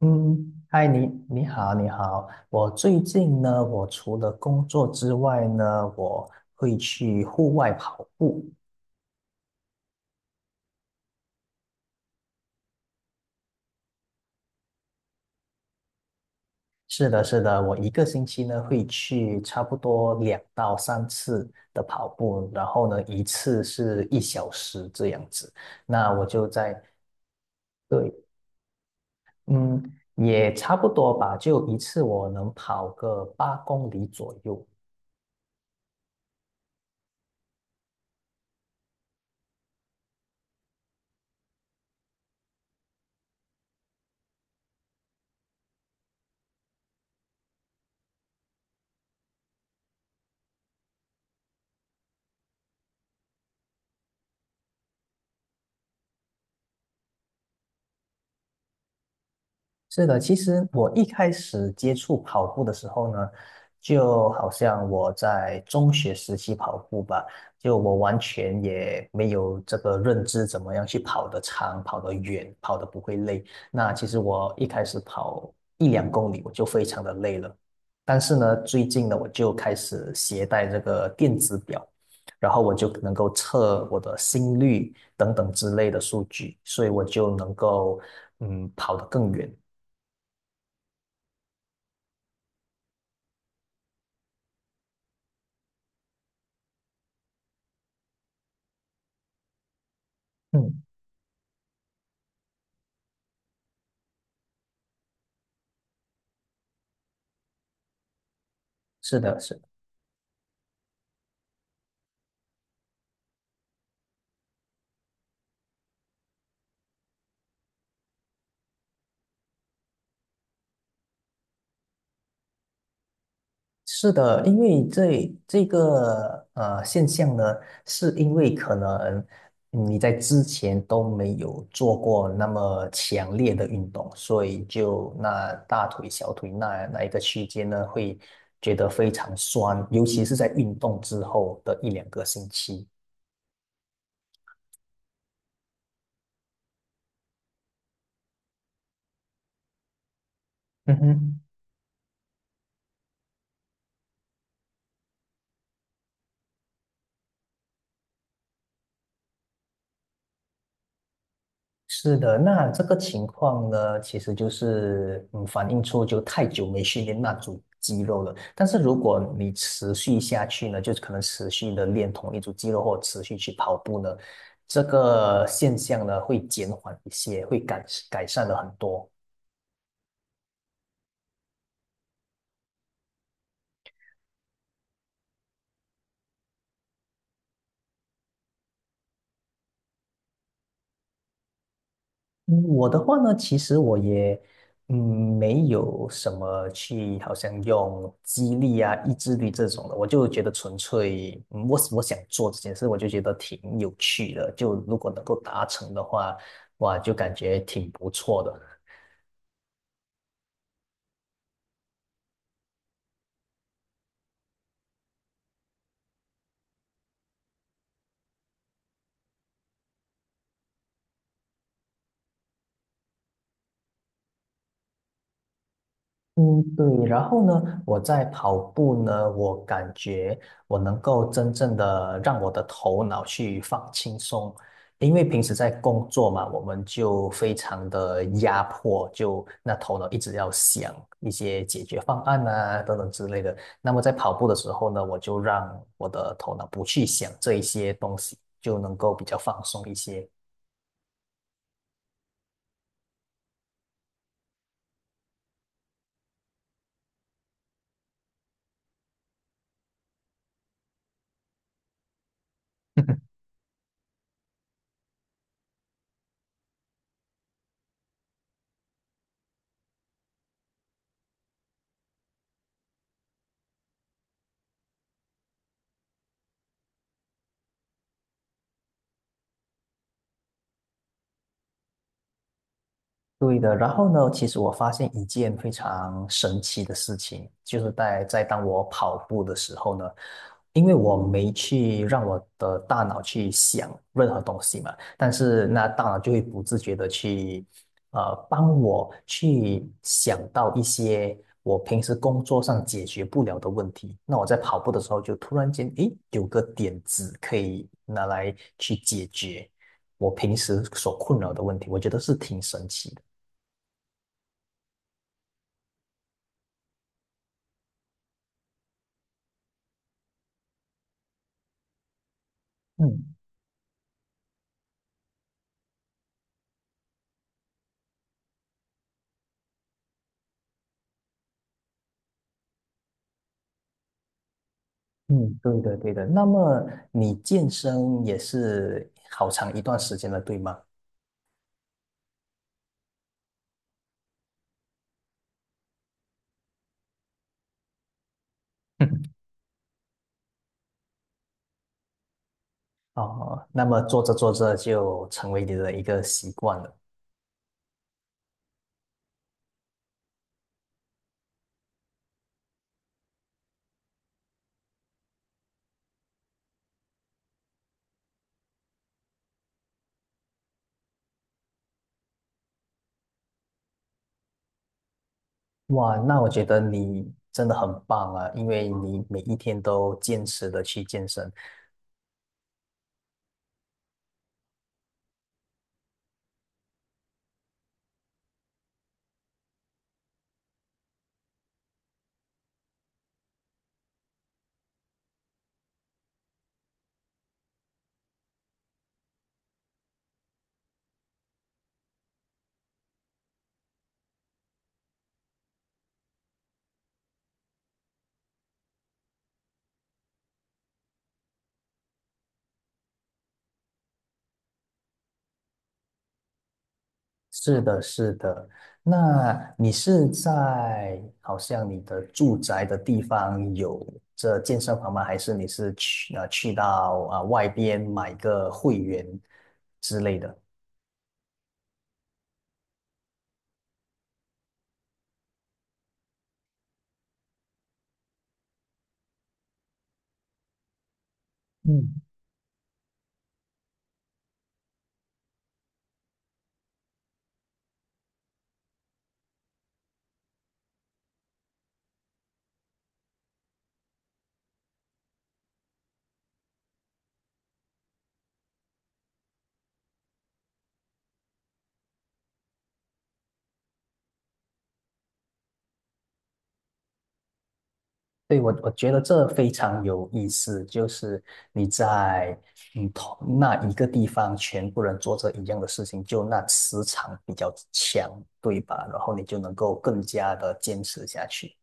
嗯，嗨，你好，你好。我最近呢，我除了工作之外呢，我会去户外跑步。是的，是的，我一个星期呢会去差不多2到3次的跑步，然后呢一次是1小时这样子。那我就在，对，嗯，也差不多吧，就一次我能跑个8公里左右。是的，其实我一开始接触跑步的时候呢，就好像我在中学时期跑步吧，就我完全也没有这个认知，怎么样去跑得长、跑得远、跑得不会累。那其实我一开始跑一两公里，我就非常的累了。但是呢，最近呢，我就开始携带这个电子表，然后我就能够测我的心率等等之类的数据，所以我就能够跑得更远。嗯，是的，是的是的，因为这个现象呢，是因为可能你在之前都没有做过那么强烈的运动，所以就那大腿、小腿那一个区间呢，会觉得非常酸，尤其是在运动之后的一两个星期。嗯哼。是的，那这个情况呢，其实就是反映出就太久没训练那组肌肉了。但是如果你持续下去呢，就是可能持续的练同一组肌肉，或持续去跑步呢，这个现象呢会减缓一些，会改善了很多。嗯，我的话呢，其实我也，嗯，没有什么去，好像用激励啊、意志力这种的，我就觉得纯粹，我想做这件事，我就觉得挺有趣的，就如果能够达成的话，哇，就感觉挺不错的。嗯，对。然后呢，我在跑步呢，我感觉我能够真正的让我的头脑去放轻松，因为平时在工作嘛，我们就非常的压迫，就那头脑一直要想一些解决方案啊等等之类的。那么在跑步的时候呢，我就让我的头脑不去想这一些东西，就能够比较放松一些。对的，然后呢，其实我发现一件非常神奇的事情，就是在当我跑步的时候呢，因为我没去让我的大脑去想任何东西嘛，但是那大脑就会不自觉的去，帮我去想到一些我平时工作上解决不了的问题。那我在跑步的时候就突然间，诶，有个点子可以拿来去解决我平时所困扰的问题，我觉得是挺神奇的。嗯嗯，对的对的。那么你健身也是好长一段时间了，对吗？哦，那么做着做着就成为你的一个习惯了。哇，那我觉得你真的很棒啊，因为你每一天都坚持的去健身。是的，是的。那你是在好像你的住宅的地方有这健身房吗？还是你是去到啊、外边买个会员之类的？嗯，对，我觉得这非常有意思，就是你在同那一个地方，全部人做着一样的事情，就那磁场比较强，对吧？然后你就能够更加的坚持下去。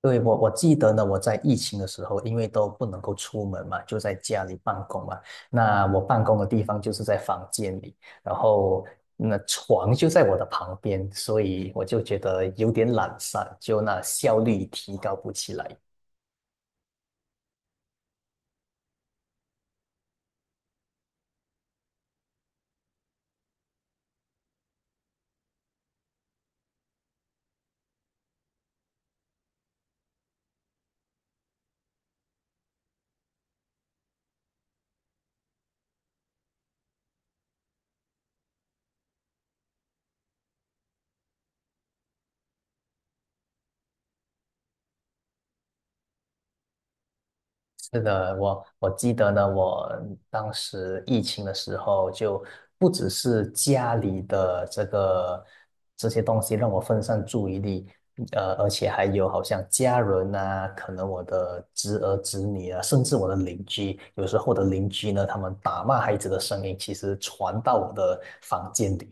对，我记得呢，我在疫情的时候，因为都不能够出门嘛，就在家里办公嘛。那我办公的地方就是在房间里，然后那床就在我的旁边，所以我就觉得有点懒散，就那效率提高不起来。是的，我记得呢，我当时疫情的时候，就不只是家里的这个这些东西让我分散注意力，而且还有好像家人啊，可能我的侄儿侄女啊，甚至我的邻居，有时候我的邻居呢，他们打骂孩子的声音，其实传到我的房间里。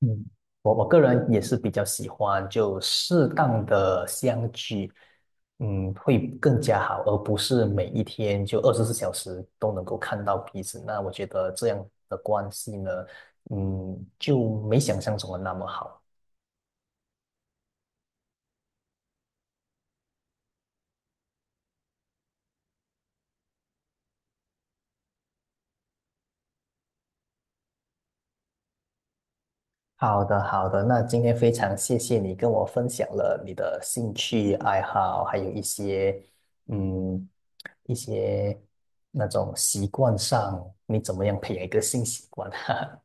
嗯，我我个人也是比较喜欢就适当的相聚，嗯，会更加好，而不是每一天就24小时都能够看到彼此。那我觉得这样的关系呢，嗯，就没想象中的那么好。好的，好的，那今天非常谢谢你跟我分享了你的兴趣爱好，还有一些嗯一些那种习惯上，你怎么样培养一个新习惯？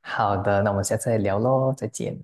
好的，那我们下次再聊喽，再见。